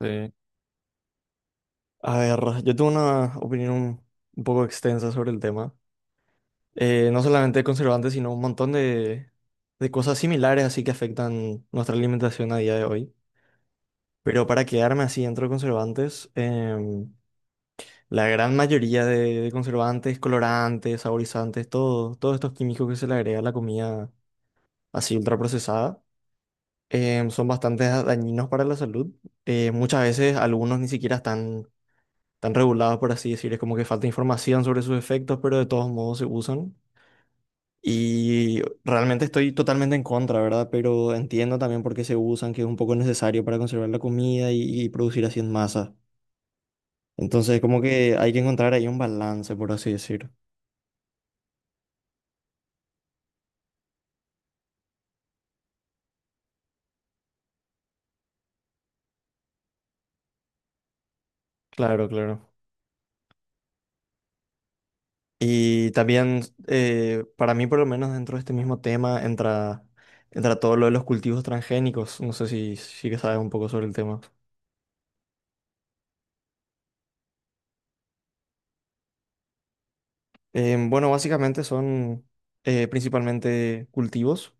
Sí. A ver, yo tengo una opinión un poco extensa sobre el tema. No solamente conservantes, sino un montón de cosas similares así que afectan nuestra alimentación a día de hoy. Pero para quedarme así dentro de conservantes, la gran mayoría de conservantes, colorantes, saborizantes, todos estos químicos que se le agrega a la comida así ultraprocesada, son bastante dañinos para la salud. Muchas veces algunos ni siquiera están tan reguladas, por así decir. Es como que falta información sobre sus efectos, pero de todos modos se usan. Y realmente estoy totalmente en contra, ¿verdad? Pero entiendo también por qué se usan, que es un poco necesario para conservar la comida y producir así en masa. Entonces, como que hay que encontrar ahí un balance, por así decir. Claro, claro. Y también, para mí por lo menos dentro de este mismo tema entra todo lo de los cultivos transgénicos. No sé si que sabes un poco sobre el tema. Bueno, básicamente son principalmente cultivos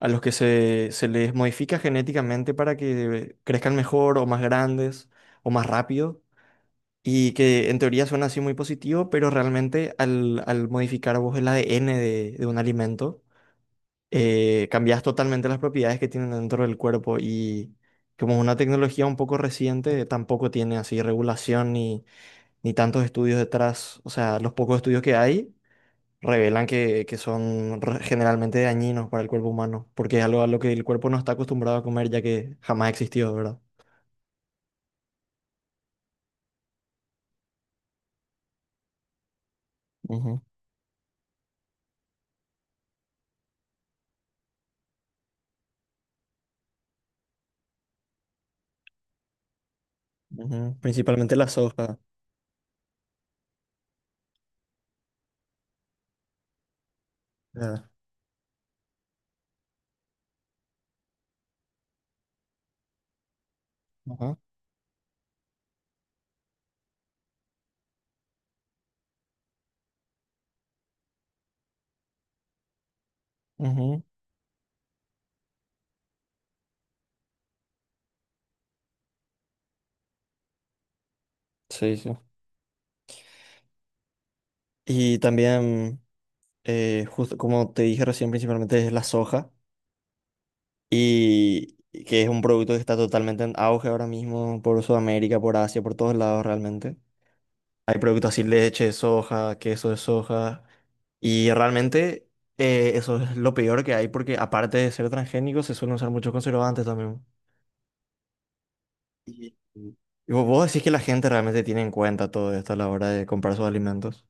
a los que se les modifica genéticamente para que crezcan mejor o más grandes o más rápido y que en teoría suena así muy positivo, pero realmente al modificar vos el ADN de un alimento, cambias totalmente las propiedades que tienen dentro del cuerpo y como es una tecnología un poco reciente, tampoco tiene así regulación ni, ni tantos estudios detrás, o sea, los pocos estudios que hay revelan que son generalmente dañinos para el cuerpo humano, porque es algo a lo que el cuerpo no está acostumbrado a comer ya que jamás existió, ¿verdad? Ujú. Ujú. Principalmente la soja. ¿Verdad? Ajá. Ujú. Sí, sí. Y también, justo como te dije recién, principalmente es la soja, y que es un producto que está totalmente en auge ahora mismo por Sudamérica, por Asia, por todos lados realmente. Hay productos así, leche de soja, queso de soja. Y realmente eso es lo peor que hay porque aparte de ser transgénico se suelen usar muchos conservantes también. Y vos decís que la gente realmente tiene en cuenta todo esto a la hora de comprar sus alimentos.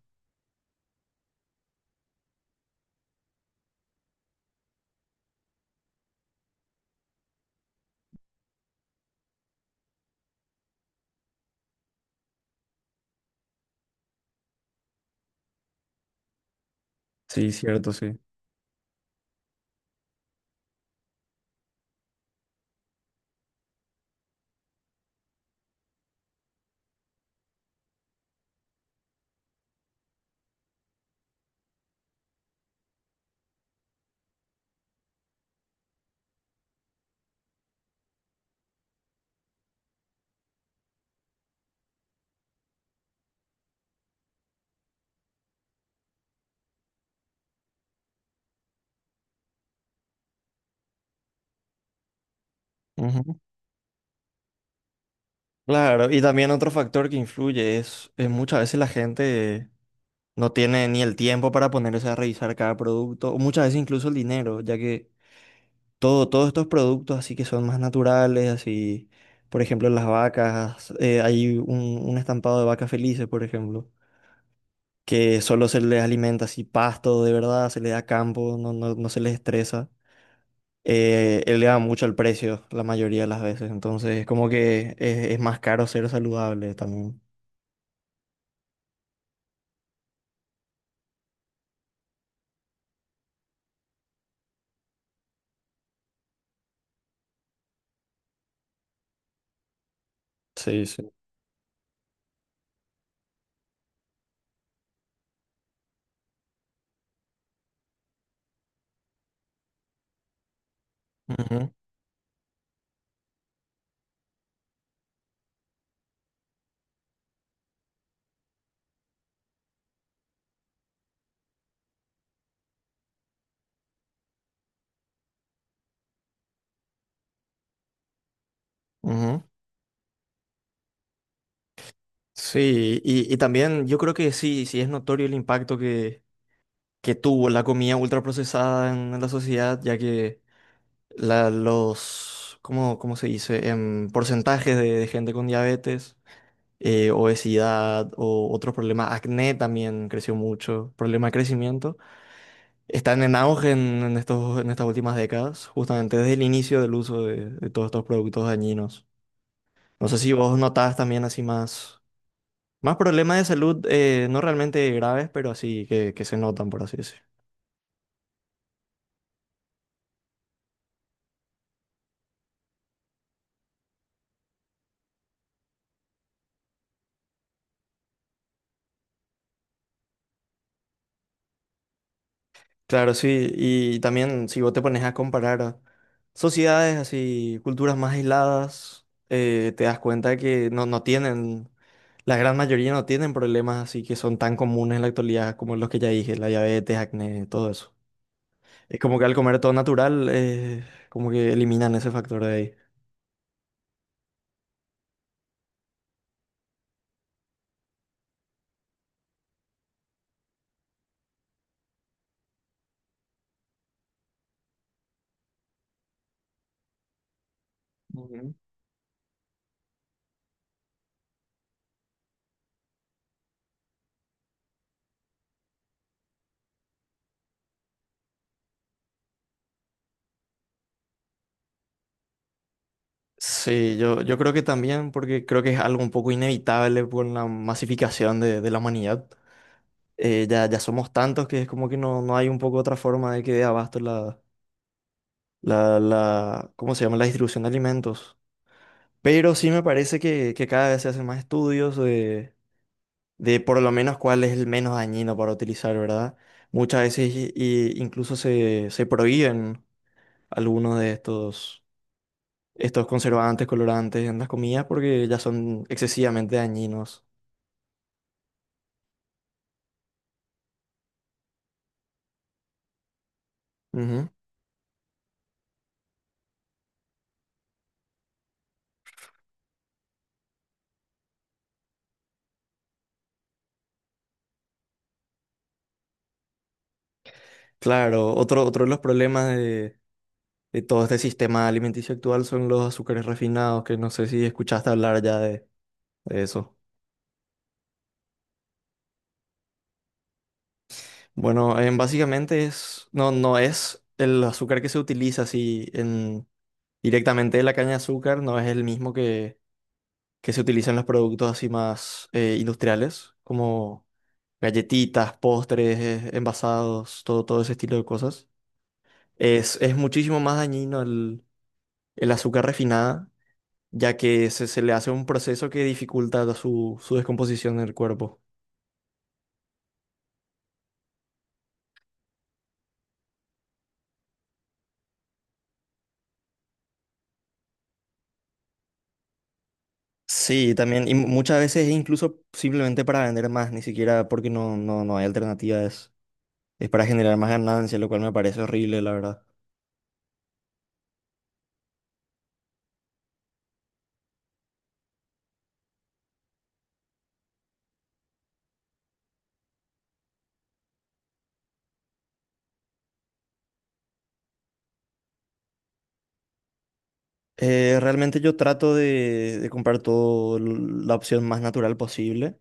Sí, cierto, sí. Ujú. Claro, y también otro factor que influye es muchas veces la gente no tiene ni el tiempo para ponerse a revisar cada producto, o muchas veces incluso el dinero, ya que todos estos productos así que son más naturales, así, por ejemplo, las vacas, hay un estampado de vacas felices, por ejemplo, que solo se les alimenta así pasto de verdad, se les da campo, no, no, no se les estresa. Eleva mucho el precio la mayoría de las veces, entonces es como que es más caro ser saludable también. Sí, sí. Ujú, ujú. Sí, y también yo creo que sí, sí es notorio el impacto que tuvo la comida ultraprocesada en la sociedad, ya que ¿cómo, cómo se dice? Porcentajes de gente con diabetes, obesidad o otros problemas. Acné también creció mucho, problema de crecimiento. Están en auge en estos, en estas últimas décadas, justamente desde el inicio del uso de todos estos productos dañinos. No sé si vos notás también así más problemas de salud, no realmente graves, pero así que se notan, por así decirlo. Claro, sí, y también si vos te pones a comparar sociedades así, culturas más aisladas, te das cuenta que no, no tienen, la gran mayoría no tienen problemas así que son tan comunes en la actualidad como los que ya dije, la diabetes, acné, todo eso. Es como que al comer todo natural, como que eliminan ese factor de ahí. Ujú. Sí, yo creo que también, porque creo que es algo un poco inevitable por la masificación de la humanidad. Ya ya somos tantos que es como que no, no hay un poco otra forma de que dé abasto la, ¿cómo se llama? La distribución de alimentos. Pero sí me parece que cada vez se hacen más estudios de por lo menos cuál es el menos dañino para utilizar, ¿verdad? Muchas veces incluso se prohíben algunos de estos conservantes, colorantes en las comidas porque ya son excesivamente dañinos. Ujú. Claro, otro de los problemas de todo este sistema alimenticio actual son los azúcares refinados, que no sé si escuchaste hablar ya de eso. Bueno, básicamente es, no, no es el azúcar que se utiliza así en, directamente de la caña de azúcar, no es el mismo que se utiliza en los productos así más industriales, como galletitas, postres, envasados, todo ese estilo de cosas. Es muchísimo más dañino el azúcar refinada ya que se le hace un proceso que dificulta su descomposición en el cuerpo. Sí, también, y muchas veces es incluso simplemente para vender más, ni siquiera porque no, no, no hay alternativas, es para generar más ganancias, lo cual me parece horrible, la verdad. Realmente yo trato de comprar todo la opción más natural posible.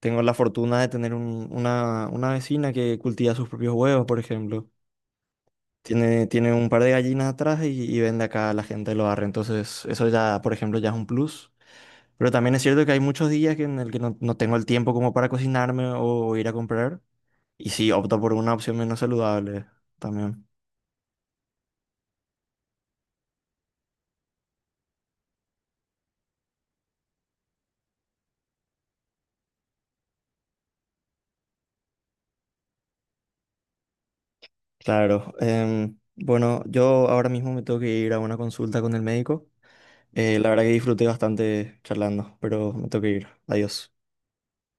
Tengo la fortuna de tener una vecina que cultiva sus propios huevos, por ejemplo. Tiene un par de gallinas atrás y vende acá a la gente lo barrio. Entonces, eso ya, por ejemplo, ya es un plus. Pero también es cierto que hay muchos días que en el que no, no tengo el tiempo como para cocinarme o ir a comprar. Y sí, opto por una opción menos saludable también. Claro. Bueno, yo ahora mismo me tengo que ir a una consulta con el médico. La verdad que disfruté bastante charlando, pero me tengo que ir. Adiós.